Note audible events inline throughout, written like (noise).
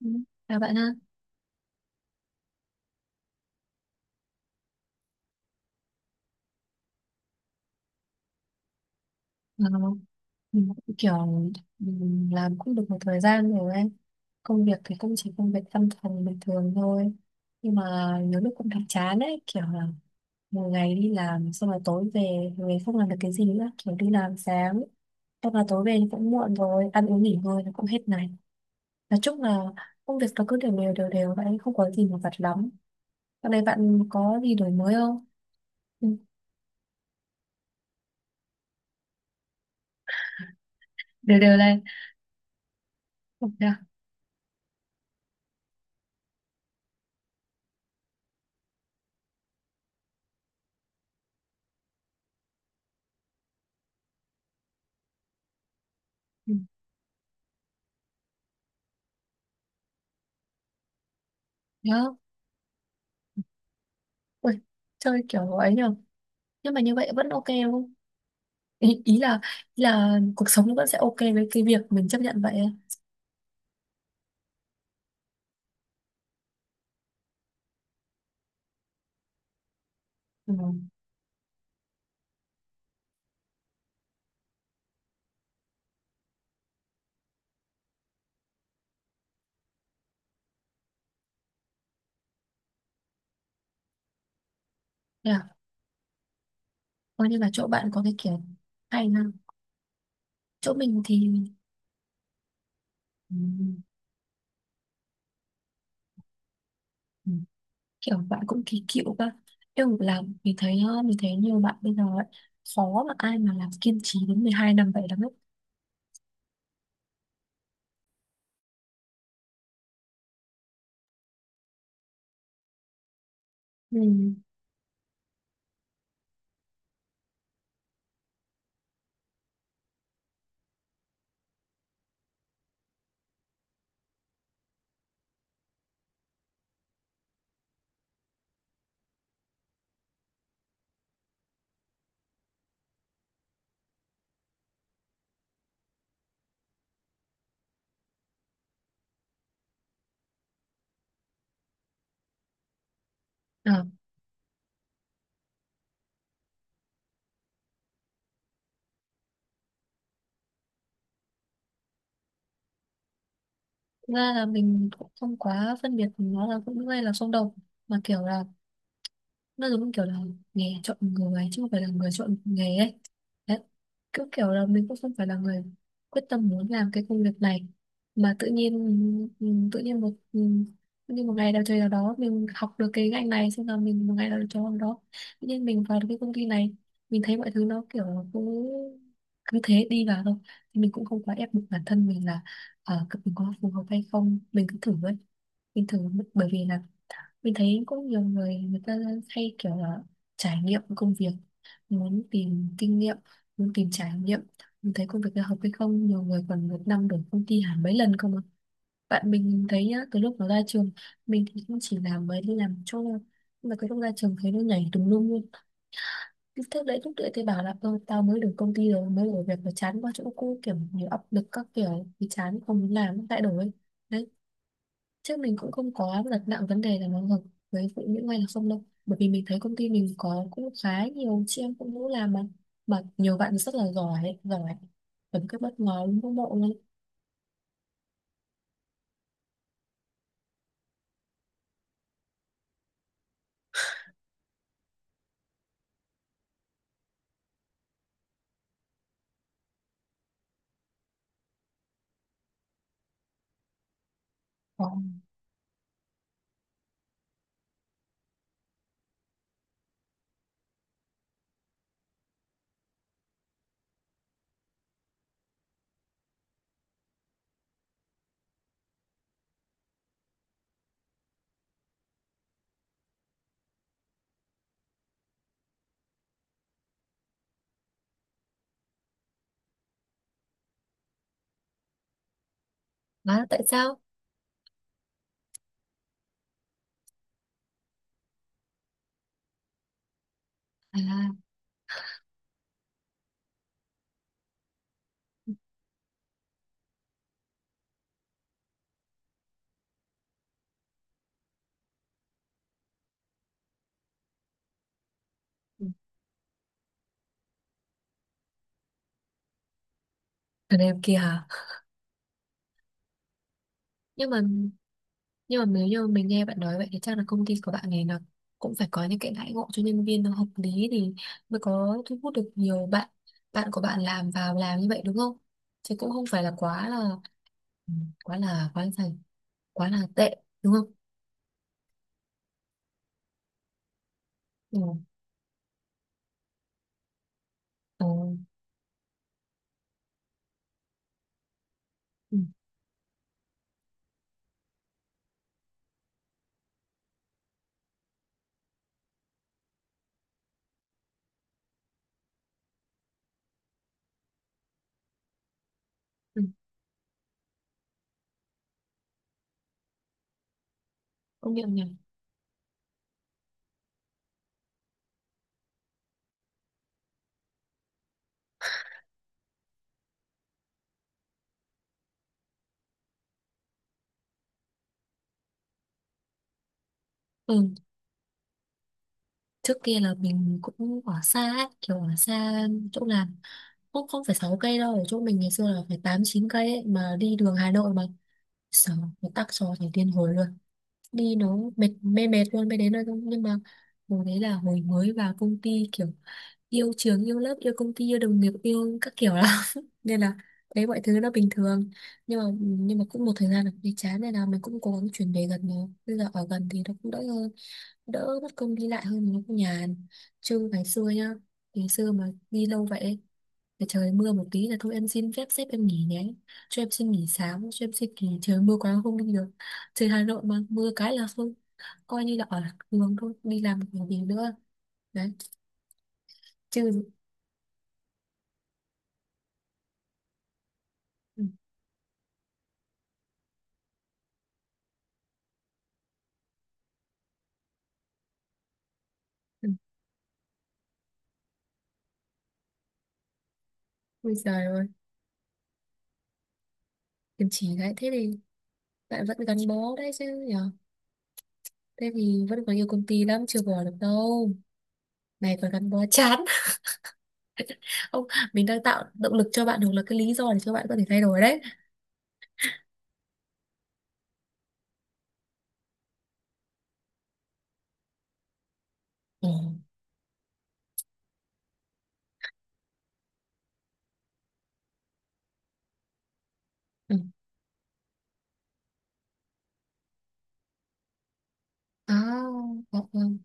Ừ. À bạn ha, Ờ, mình cũng kiểu mình làm cũng được một thời gian rồi ấy. Công việc thì cũng chỉ công việc văn phòng bình thường thôi. Nhưng mà nhiều lúc cũng thấy chán ấy, kiểu là một ngày đi làm xong là tối về, về không làm được cái gì nữa, kiểu đi làm sáng, xong là tối về thì cũng muộn rồi, ăn uống nghỉ ngơi nó cũng hết ngày. Nói chung là công việc nó cứ đều đều vậy, không có gì mà vặt lắm. Sau này bạn có gì đổi mới không? Ừ, đều đều này. Ừ. Đó. Ừ. Đó. Ui, chơi kiểu ấy nhờ, nhưng mà như vậy vẫn ok đúng không, ý, ý là ý là cuộc sống nó vẫn sẽ ok với cái việc mình chấp nhận vậy ấy. Ừ. Yeah. Coi như là chỗ bạn có cái kiểu hay ha, chỗ mình thì ừ, ừ, kiểu bạn cũng kỳ cựu cơ, nhưng mà làm mình thấy mình thấy nhiều bạn bây giờ ấy, khó mà ai mà làm kiên trì đến 12 năm vậy lắm ấy. Ừ. À, ra là mình cũng không quá phân biệt nó là cũng như là xung đột, mà kiểu là nó giống kiểu là nghề chọn người chứ không phải là người chọn nghề ấy. Đấy, cứ kiểu là mình cũng không phải là người quyết tâm muốn làm cái công việc này, mà tự nhiên ừ, tự nhiên một ừ, tự nhiên một ngày nào trời nào đó mình học được cái ngành này xong là mình một ngày nào trời nào đó tự nhiên mình vào được cái công ty này. Mình thấy mọi thứ nó kiểu cứ cứ thế đi vào thôi, thì mình cũng không quá ép buộc bản thân mình là mình có phù hợp hay không, mình cứ thử ấy, mình thử. Bởi vì là mình thấy cũng nhiều người người ta hay kiểu là trải nghiệm công việc, muốn tìm kinh nghiệm, muốn tìm trải nghiệm. Mình thấy công việc là hợp hay không, nhiều người còn một năm đổi công ty hẳn mấy lần không ạ. Bạn mình thấy nhá, từ lúc nó ra trường, mình thì cũng chỉ làm mới đi làm chỗ thôi. Nhưng mà cái lúc ra trường thấy nó nhảy tùm lum luôn. Cứ thế đấy, lúc đấy thì bảo là "Ơ, tao mới được công ty rồi mới đổi việc và chán quá chỗ cũ kiểu nhiều áp lực các kiểu thì chán không muốn làm lại đổi." Đấy. Chứ mình cũng không có đặt nặng vấn đề là nó hợp với phụ nữ hay là không đâu. Bởi vì mình thấy công ty mình có cũng khá nhiều chị em phụ nữ làm mà. Mà nhiều bạn rất là giỏi, giỏi. Tấm cái bất ngờ luôn các bộ luôn. Ồ. Đó, tại sao? À, ở đây kia hả? Nhưng mà nhưng mà nếu như mình nghe bạn nói vậy thì chắc là công ty của bạn này là cũng phải có những cái đãi ngộ cho nhân viên nó hợp lý, thì mới có thu hút được nhiều bạn, bạn của bạn làm vào làm như vậy đúng không? Chứ cũng không phải là quá là ừ, quá là dày, quá là tệ đúng không. Ừ. Ừ. Ừ. Ừ. Công nhận nhỉ. Ừ. Trước kia là mình cũng ở xa ấy, kiểu ở xa chỗ làm, cũng không phải 6 cây đâu, ở chỗ mình ngày xưa là phải 8 9 cây ấy, mà đi đường Hà Nội mà sợ nó tắc cho thành điên hồi luôn. Đi nó mệt mê mệt luôn mới đến nơi thôi, nhưng mà hồi đấy là hồi mới vào công ty, kiểu yêu trường yêu lớp yêu công ty yêu đồng nghiệp yêu các kiểu lắm, nên là đấy mọi thứ nó bình thường. Nhưng mà cũng một thời gian là cũng thấy chán, nên là mình cũng cố gắng chuyển về gần rồi, bây giờ ở gần thì nó cũng đỡ hơn, đỡ mất công đi lại hơn nó cũng nhàn. Chứ ngày xưa nhá, ngày xưa mà đi lâu vậy, để trời mưa một tí là thôi em xin phép sếp em nghỉ nhé, cho em xin nghỉ sáng, cho em xin nghỉ, trời mưa quá không đi được. Trời Hà Nội mà mưa cái là thôi, coi như là ở đường thôi, đi làm còn gì nữa. Đấy chứ. Ừ, ừ. Ôi trời ơi, kiềm chỉ đấy, thế thì bạn vẫn gắn bó đấy chứ nhở. Thế thì vẫn còn nhiều công ty lắm, chưa bỏ được đâu, này còn gắn bó chán. (laughs) Ông, mình đang tạo động lực cho bạn hoặc là cái lý do để cho bạn có thể thay đổi đấy. Ừ. Ừ. À, dạ vâng.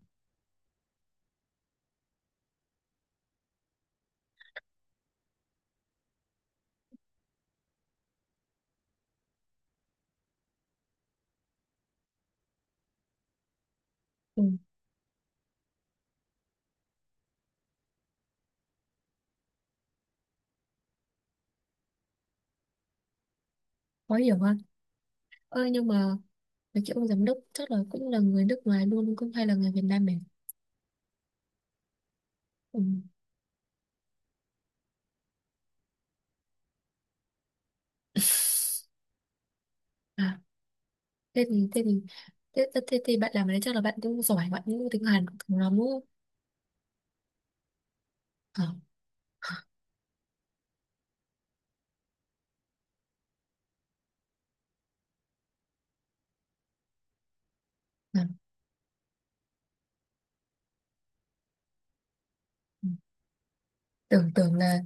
Ừ. Khó hiểu hơn. Ơi nhưng mà cái kiểu ông giám đốc chắc là cũng là người nước ngoài luôn, cũng hay là người Việt Nam mình. Ừ. À. thế thì thế thì thế thì bạn làm ở đấy chắc là bạn cũng giỏi, bạn cũng tiếng Hàn cũng thường lắm đúng không. Ờ. Ừ. Tưởng tưởng là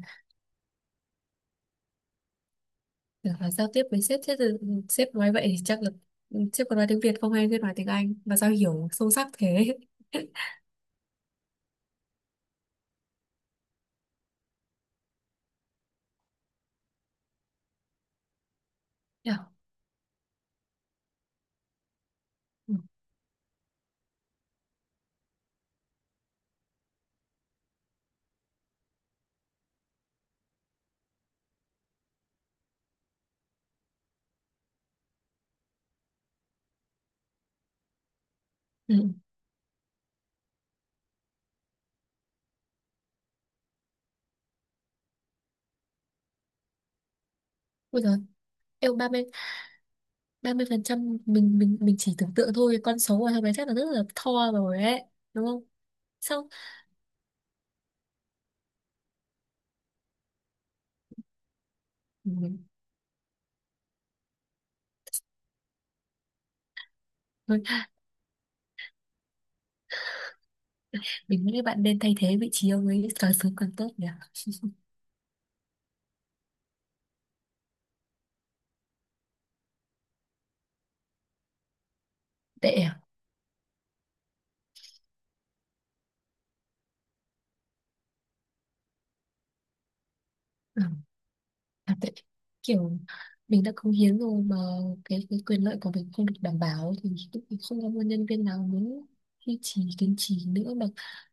Tưởng là giao tiếp với sếp, sếp thì- sếp nói vậy thì chắc là sếp còn nói tiếng Việt không, hay sếp nói tiếng Anh mà sao hiểu sâu sắc thế. (laughs) Hiểu. Ừ. Ừ. Ôi giời, em 30, ba mươi phần trăm mình chỉ tưởng tượng thôi, con số của thằng bé chắc là rất là to rồi ấy đúng không. Sao. Ừ. Thôi mình nghĩ bạn nên thay thế vị trí ông ấy càng sớm càng tốt nhỉ. Tệ à? Ừ. À, tại kiểu mình đã cống hiến rồi mà cái quyền lợi của mình không được đảm bảo thì cũng không có một nhân viên nào muốn duy trì kiên trì nữa mà,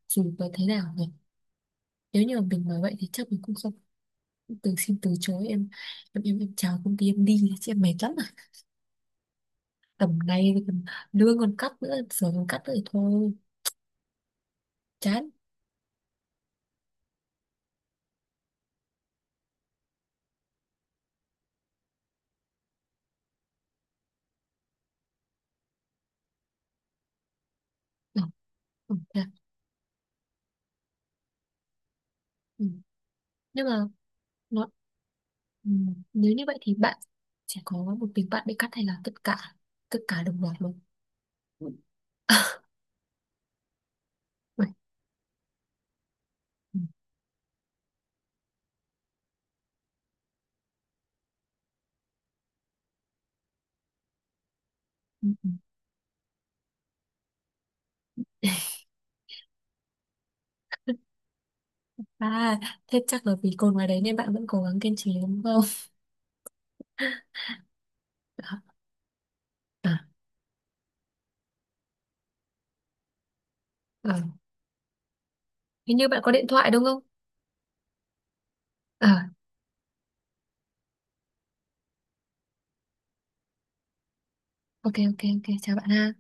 dù có thế nào nhỉ. Nếu như mà mình nói vậy thì chắc mình cũng không từng xin từ chối, em chào công ty em đi chị, em mệt lắm à, tầm này thì còn lương còn cắt nữa, giờ còn cắt nữa thì thôi chán. Ừ, ừ, thế à? Ừ. Nhưng mà nó ừ. Nếu như vậy thì bạn sẽ có một mình bạn bị cắt hay là tất cả đồng loạt luôn. (laughs) Vậy. Ừ. Ừ, ừ. À, thế chắc là vì cồn ngoài đấy nên bạn vẫn cố gắng kiên trì đúng không? (laughs) À, à, à. Hình như bạn có điện thoại đúng không? À, ok ok ok chào bạn ha.